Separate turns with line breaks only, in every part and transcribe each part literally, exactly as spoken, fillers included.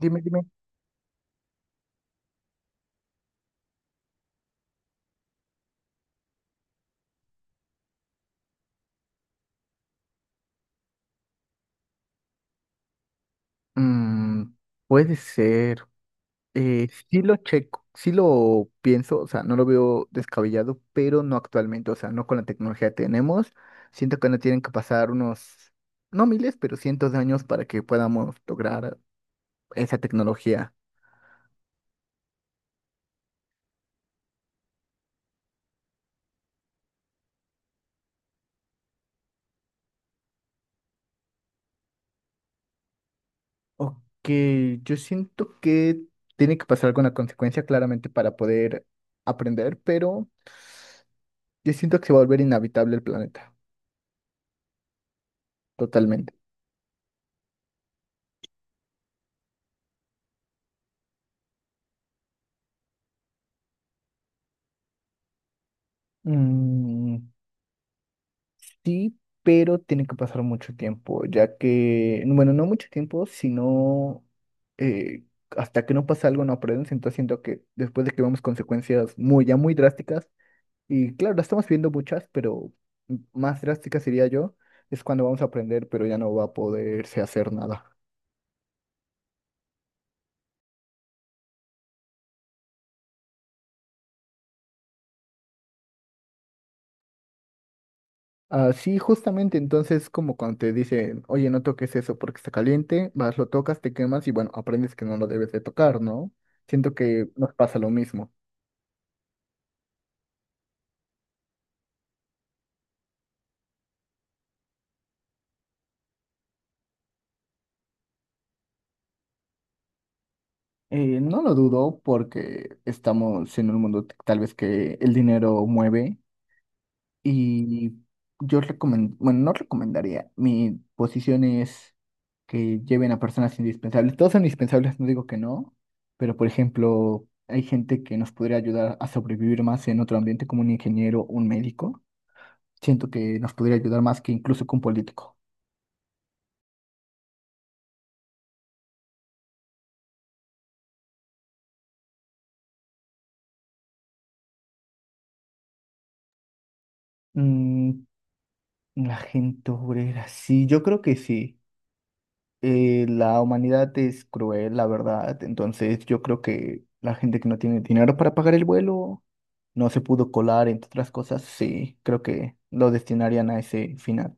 Dime, dime. Mm, puede ser. Eh, sí lo checo, sí lo pienso, o sea, no lo veo descabellado, pero no actualmente, o sea, no con la tecnología que tenemos. Siento que no tienen que pasar unos, no miles, pero cientos de años para que podamos lograr esa tecnología. Ok, yo siento que tiene que pasar alguna consecuencia claramente para poder aprender, pero yo siento que se va a volver inhabitable el planeta, totalmente. Mm, sí, pero tiene que pasar mucho tiempo, ya que, bueno, no mucho tiempo, sino eh, hasta que no pasa algo no aprendes, entonces siento que después de que vemos consecuencias muy, ya muy drásticas, y claro, las estamos viendo muchas, pero más drásticas sería yo, es cuando vamos a aprender, pero ya no va a poderse hacer nada. Así justamente, entonces como cuando te dicen, oye, no toques eso porque está caliente, vas, lo tocas, te quemas y bueno, aprendes que no lo debes de tocar, ¿no? Siento que nos pasa lo mismo. Eh, no lo dudo porque estamos en un mundo t- tal vez que el dinero mueve y yo recomendaría, bueno, no recomendaría, mi posición es que lleven a personas indispensables. Todos son indispensables, no digo que no, pero por ejemplo, hay gente que nos podría ayudar a sobrevivir más en otro ambiente como un ingeniero, un médico. Siento que nos podría ayudar más que incluso que un político. Mm, la gente obrera, sí, yo creo que sí. Eh, la humanidad es cruel, la verdad. Entonces yo creo que la gente que no tiene dinero para pagar el vuelo no se pudo colar, entre otras cosas. Sí, creo que lo destinarían a ese final.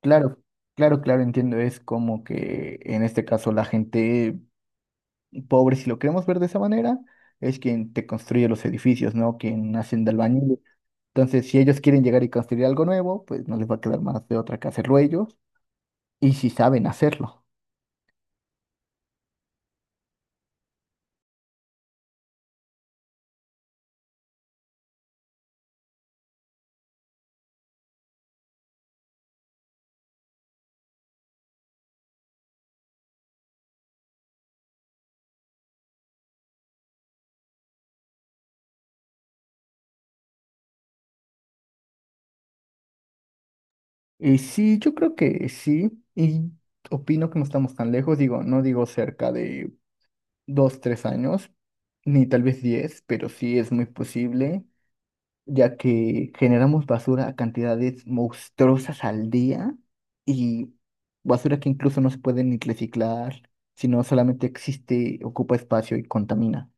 Claro, claro, claro, entiendo. Es como que en este caso la gente pobre, si lo queremos ver de esa manera, es quien te construye los edificios, ¿no? Quien hacen de albañil. Entonces, si ellos quieren llegar y construir algo nuevo, pues no les va a quedar más de otra que hacerlo ellos. Y si saben hacerlo. Y sí, yo creo que sí, y opino que no estamos tan lejos, digo, no digo cerca de dos, tres años, ni tal vez diez, pero sí es muy posible, ya que generamos basura a cantidades monstruosas al día y basura que incluso no se puede ni reciclar, sino solamente existe, ocupa espacio y contamina.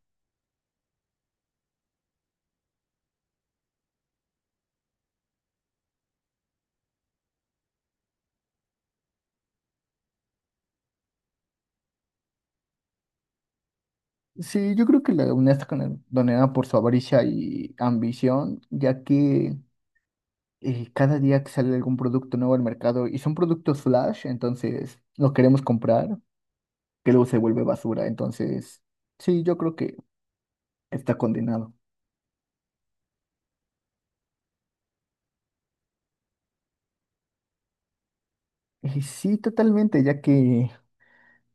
Sí, yo creo que la u n e s c o está condenada por su avaricia y ambición, ya que eh, cada día que sale algún producto nuevo al mercado y son productos flash, entonces los queremos comprar, que luego se vuelve basura. Entonces, sí, yo creo que está condenado. Y sí, totalmente, ya que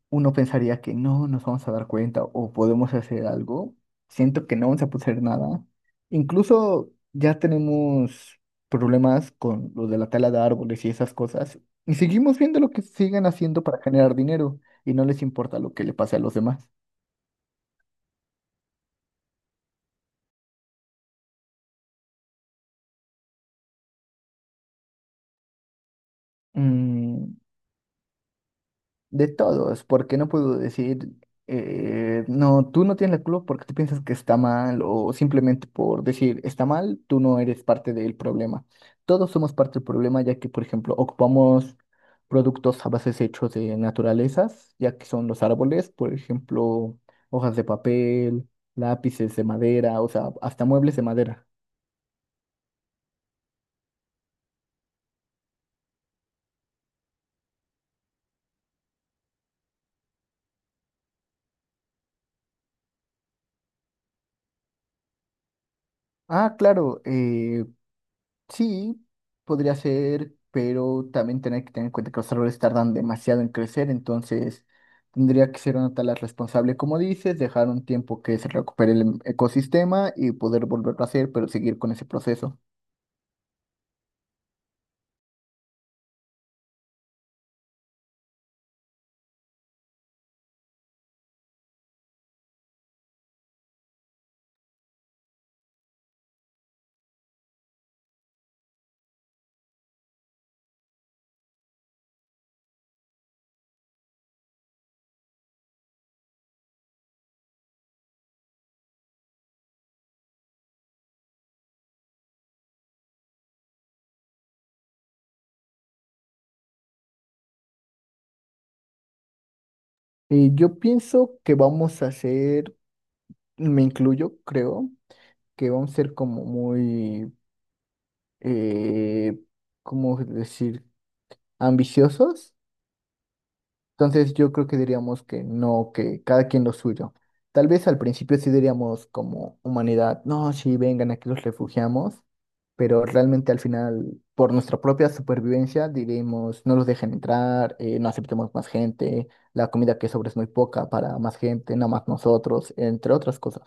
uno pensaría que no nos vamos a dar cuenta o podemos hacer algo, siento que no vamos a poder hacer nada. Incluso ya tenemos problemas con lo de la tala de árboles y esas cosas, y seguimos viendo lo que siguen haciendo para generar dinero y no les importa lo que le pase a los demás. Mm, de todos, porque no puedo decir, eh, no, tú no tienes la culpa porque tú piensas que está mal o simplemente por decir está mal, tú no eres parte del problema. Todos somos parte del problema ya que, por ejemplo, ocupamos productos a bases hechos de naturalezas, ya que son los árboles, por ejemplo, hojas de papel, lápices de madera, o sea, hasta muebles de madera. Ah, claro, eh, sí, podría ser, pero también tener que tener en cuenta que los árboles tardan demasiado en crecer, entonces tendría que ser una tala responsable, como dices, dejar un tiempo que se recupere el em- ecosistema y poder volverlo a hacer, pero seguir con ese proceso. Y yo pienso que vamos a hacer, me incluyo, creo, que vamos a ser como muy, eh, ¿cómo decir?, ambiciosos. Entonces yo creo que diríamos que no, que cada quien lo suyo. Tal vez al principio sí diríamos como humanidad, no, sí, vengan, aquí los refugiamos, pero realmente al final, por nuestra propia supervivencia, diríamos, no los dejen entrar, eh, no aceptemos más gente, la comida que sobra es muy poca para más gente, nada más nosotros, entre otras cosas.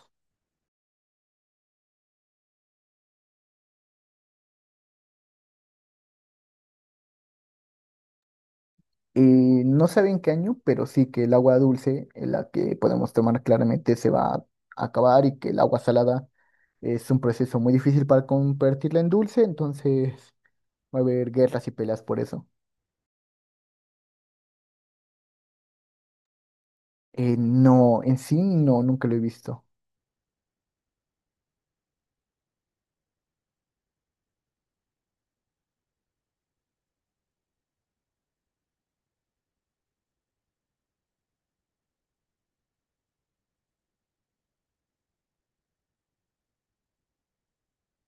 Y no sabe en qué año, pero sí que el agua dulce, en la que podemos tomar claramente, se va a acabar y que el agua salada es un proceso muy difícil para convertirla en dulce, entonces va a haber guerras y peleas por eso. Eh, no, en sí no, nunca lo he visto.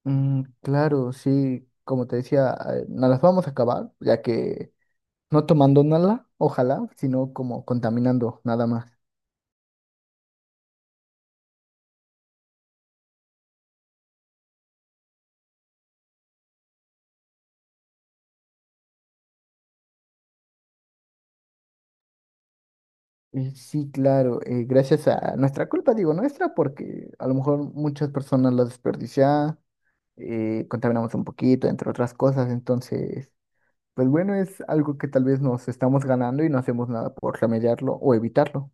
Mm, claro, sí, como te decía, eh, no las vamos a acabar, ya que no tomando nada, ojalá, sino como contaminando nada más. Eh, Sí, claro, eh, gracias a nuestra culpa, digo nuestra, porque a lo mejor muchas personas la desperdiciaban, eh, contaminamos un poquito, entre otras cosas, entonces, pues bueno, es algo que tal vez nos estamos ganando y no hacemos nada por remediarlo o evitarlo.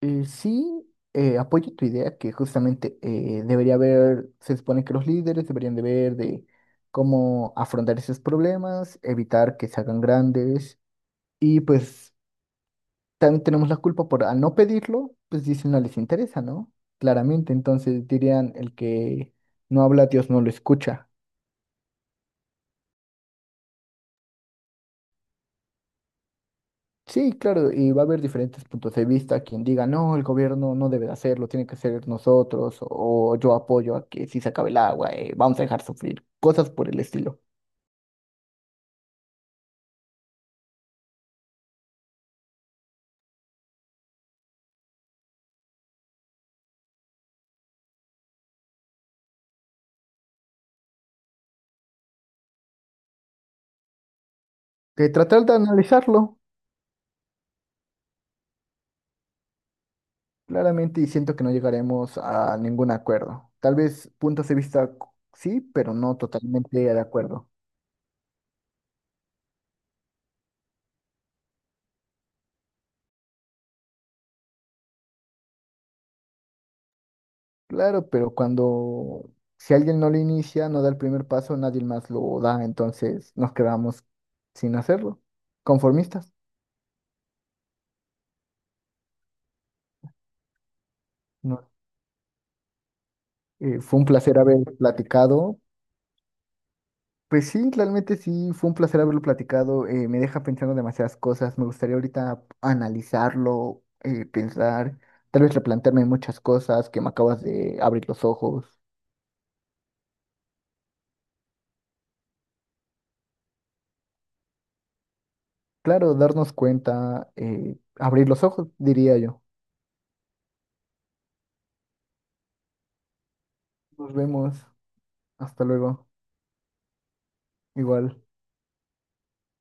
Eh, sí, eh, apoyo tu idea que justamente eh, debería haber, se supone que los líderes deberían de ver de cómo afrontar esos problemas, evitar que se hagan grandes y pues también tenemos la culpa por al no pedirlo, pues dicen no les interesa, ¿no? Claramente, entonces dirían el que no habla, Dios no lo escucha. Sí, claro, y va a haber diferentes puntos de vista, quien diga, no, el gobierno no debe de hacerlo, tiene que ser nosotros, o yo apoyo a que si se acabe el agua, eh, vamos a dejar sufrir, cosas por el estilo. Que tratar de analizarlo, claramente, y siento que no llegaremos a ningún acuerdo. Tal vez puntos de vista sí, pero no totalmente de acuerdo. Claro, pero cuando si alguien no lo inicia, no da el primer paso, nadie más lo da, entonces nos quedamos sin hacerlo, conformistas. No. Eh, fue un placer haber platicado. Pues sí, realmente sí, fue un placer haberlo platicado. Eh, me deja pensando demasiadas cosas. Me gustaría ahorita analizarlo, eh, pensar, tal vez replantearme muchas cosas que me acabas de abrir los ojos. Claro, darnos cuenta, eh, abrir los ojos, diría yo. Nos vemos. Hasta luego. Igual.